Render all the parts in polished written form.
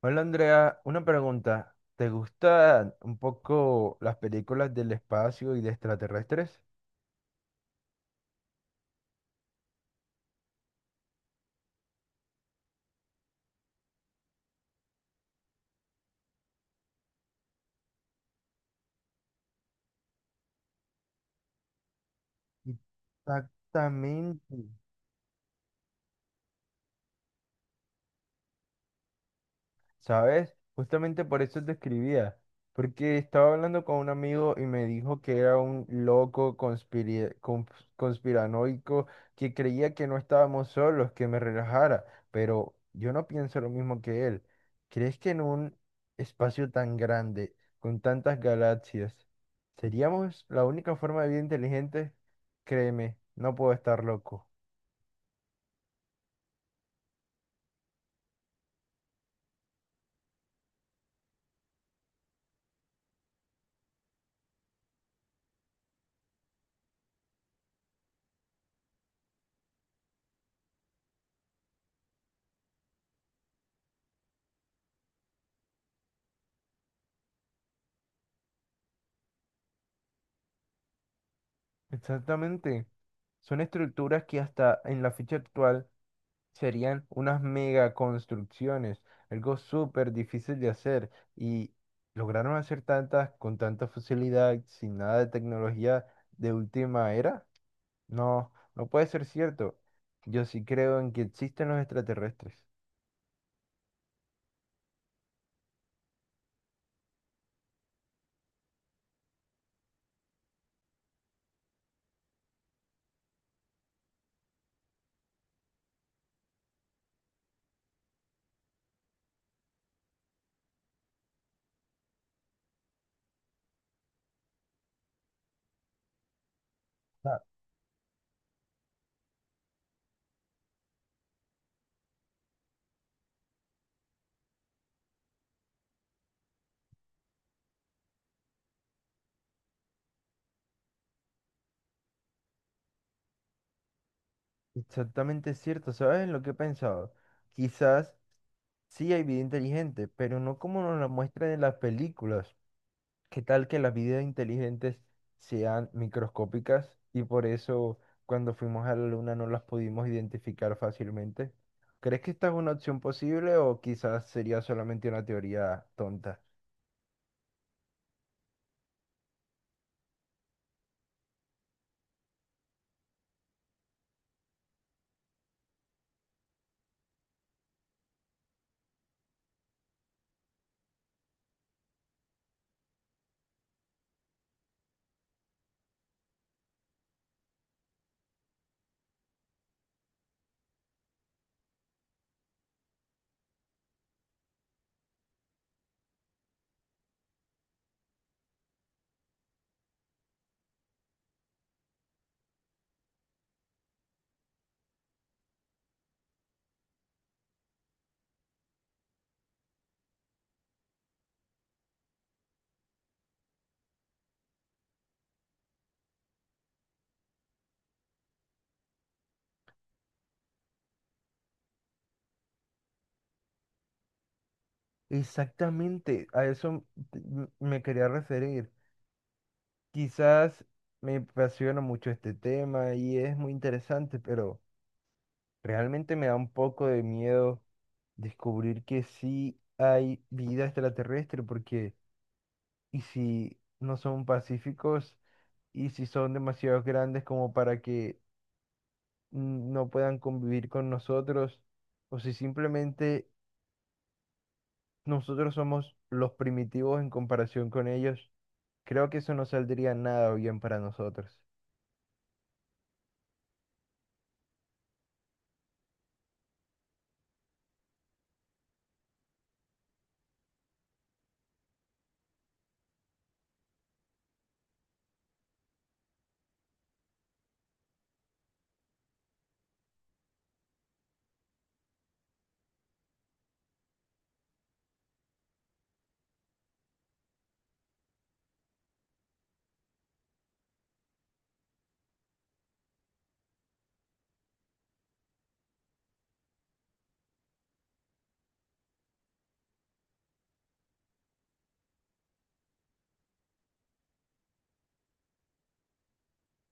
Hola Andrea, una pregunta. ¿Te gustan un poco las películas del espacio y de extraterrestres? Exactamente. ¿Sabes? Justamente por eso te escribía, porque estaba hablando con un amigo y me dijo que era un loco conspiranoico que creía que no estábamos solos, que me relajara, pero yo no pienso lo mismo que él. ¿Crees que en un espacio tan grande, con tantas galaxias, seríamos la única forma de vida inteligente? Créeme, no puedo estar loco. Exactamente. Son estructuras que hasta en la fecha actual serían unas mega construcciones, algo súper difícil de hacer y lograron hacer tantas con tanta facilidad, sin nada de tecnología de última era. No, no puede ser cierto. Yo sí creo en que existen los extraterrestres. Ah, exactamente cierto. ¿Sabes lo que he pensado? Quizás sí hay vida inteligente, pero no como nos la muestran en las películas. ¿Qué tal que las vidas inteligentes sean microscópicas y por eso cuando fuimos a la luna no las pudimos identificar fácilmente? ¿Crees que esta es una opción posible o quizás sería solamente una teoría tonta? Exactamente, a eso me quería referir. Quizás me apasiona mucho este tema y es muy interesante, pero realmente me da un poco de miedo descubrir que sí hay vida extraterrestre porque y si no son pacíficos, y si son demasiado grandes como para que no puedan convivir con nosotros, o si simplemente nosotros somos los primitivos en comparación con ellos, creo que eso no saldría nada bien para nosotros.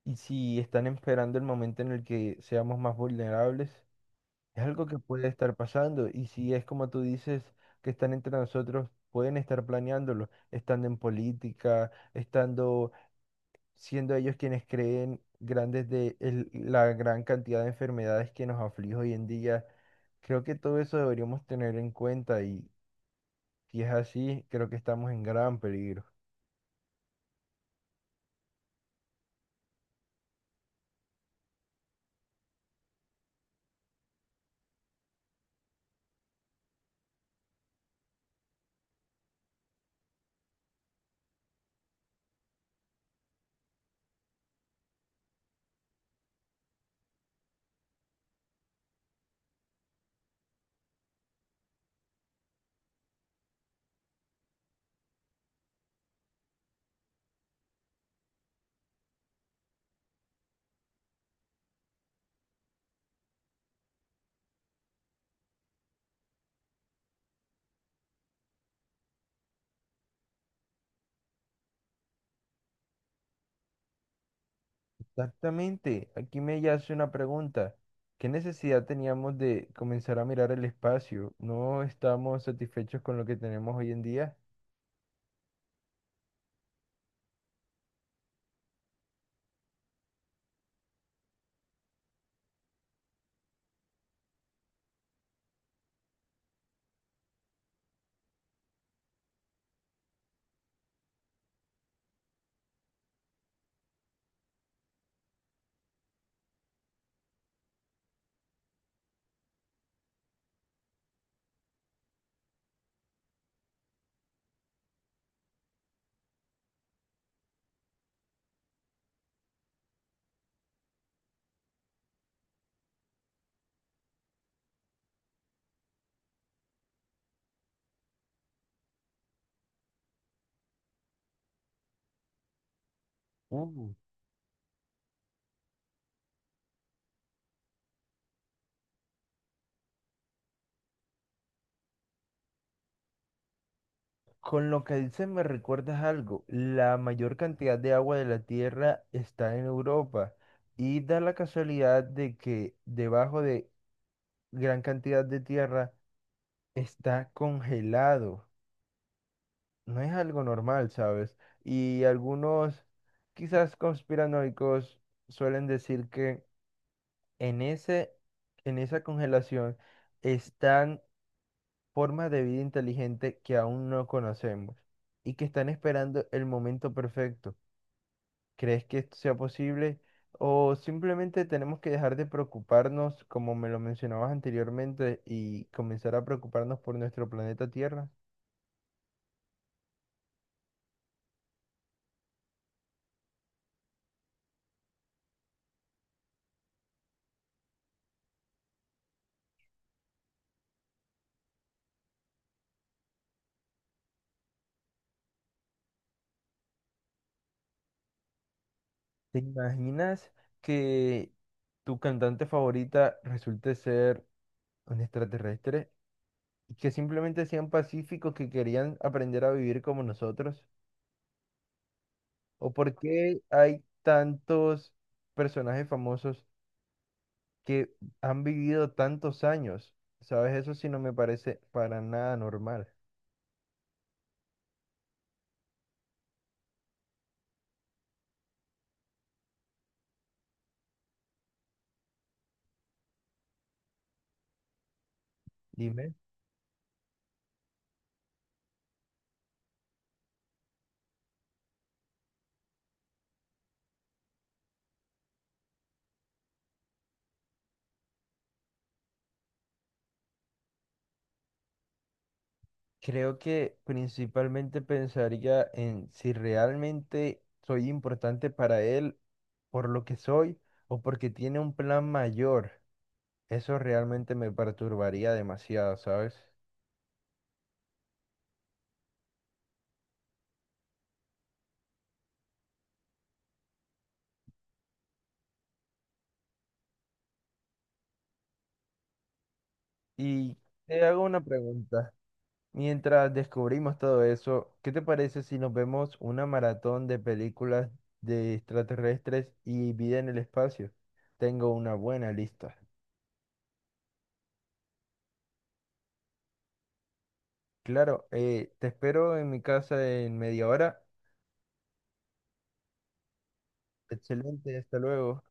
Y si están esperando el momento en el que seamos más vulnerables, es algo que puede estar pasando. Y si es como tú dices, que están entre nosotros, pueden estar planeándolo, estando en política, estando siendo ellos quienes creen grandes la gran cantidad de enfermedades que nos aflige hoy en día. Creo que todo eso deberíamos tener en cuenta y si es así, creo que estamos en gran peligro. Exactamente, aquí me yace una pregunta. ¿Qué necesidad teníamos de comenzar a mirar el espacio? ¿No estamos satisfechos con lo que tenemos hoy en día? Uh. Con lo que dices me recuerdas algo. La mayor cantidad de agua de la Tierra está en Europa y da la casualidad de que debajo de gran cantidad de tierra está congelado. No es algo normal, ¿sabes? Y algunos, quizás conspiranoicos, suelen decir que en ese, en esa congelación están formas de vida inteligente que aún no conocemos y que están esperando el momento perfecto. ¿Crees que esto sea posible? ¿O simplemente tenemos que dejar de preocuparnos, como me lo mencionabas anteriormente, y comenzar a preocuparnos por nuestro planeta Tierra? ¿Te imaginas que tu cantante favorita resulte ser un extraterrestre y que simplemente sean pacíficos que querían aprender a vivir como nosotros? ¿O por qué hay tantos personajes famosos que han vivido tantos años? ¿Sabes? Eso sí no me parece para nada normal. Dime. Creo que principalmente pensaría en si realmente soy importante para él por lo que soy o porque tiene un plan mayor. Eso realmente me perturbaría demasiado, ¿sabes? Y te hago una pregunta. Mientras descubrimos todo eso, ¿qué te parece si nos vemos una maratón de películas de extraterrestres y vida en el espacio? Tengo una buena lista. Claro, te espero en mi casa en media hora. Excelente, hasta luego.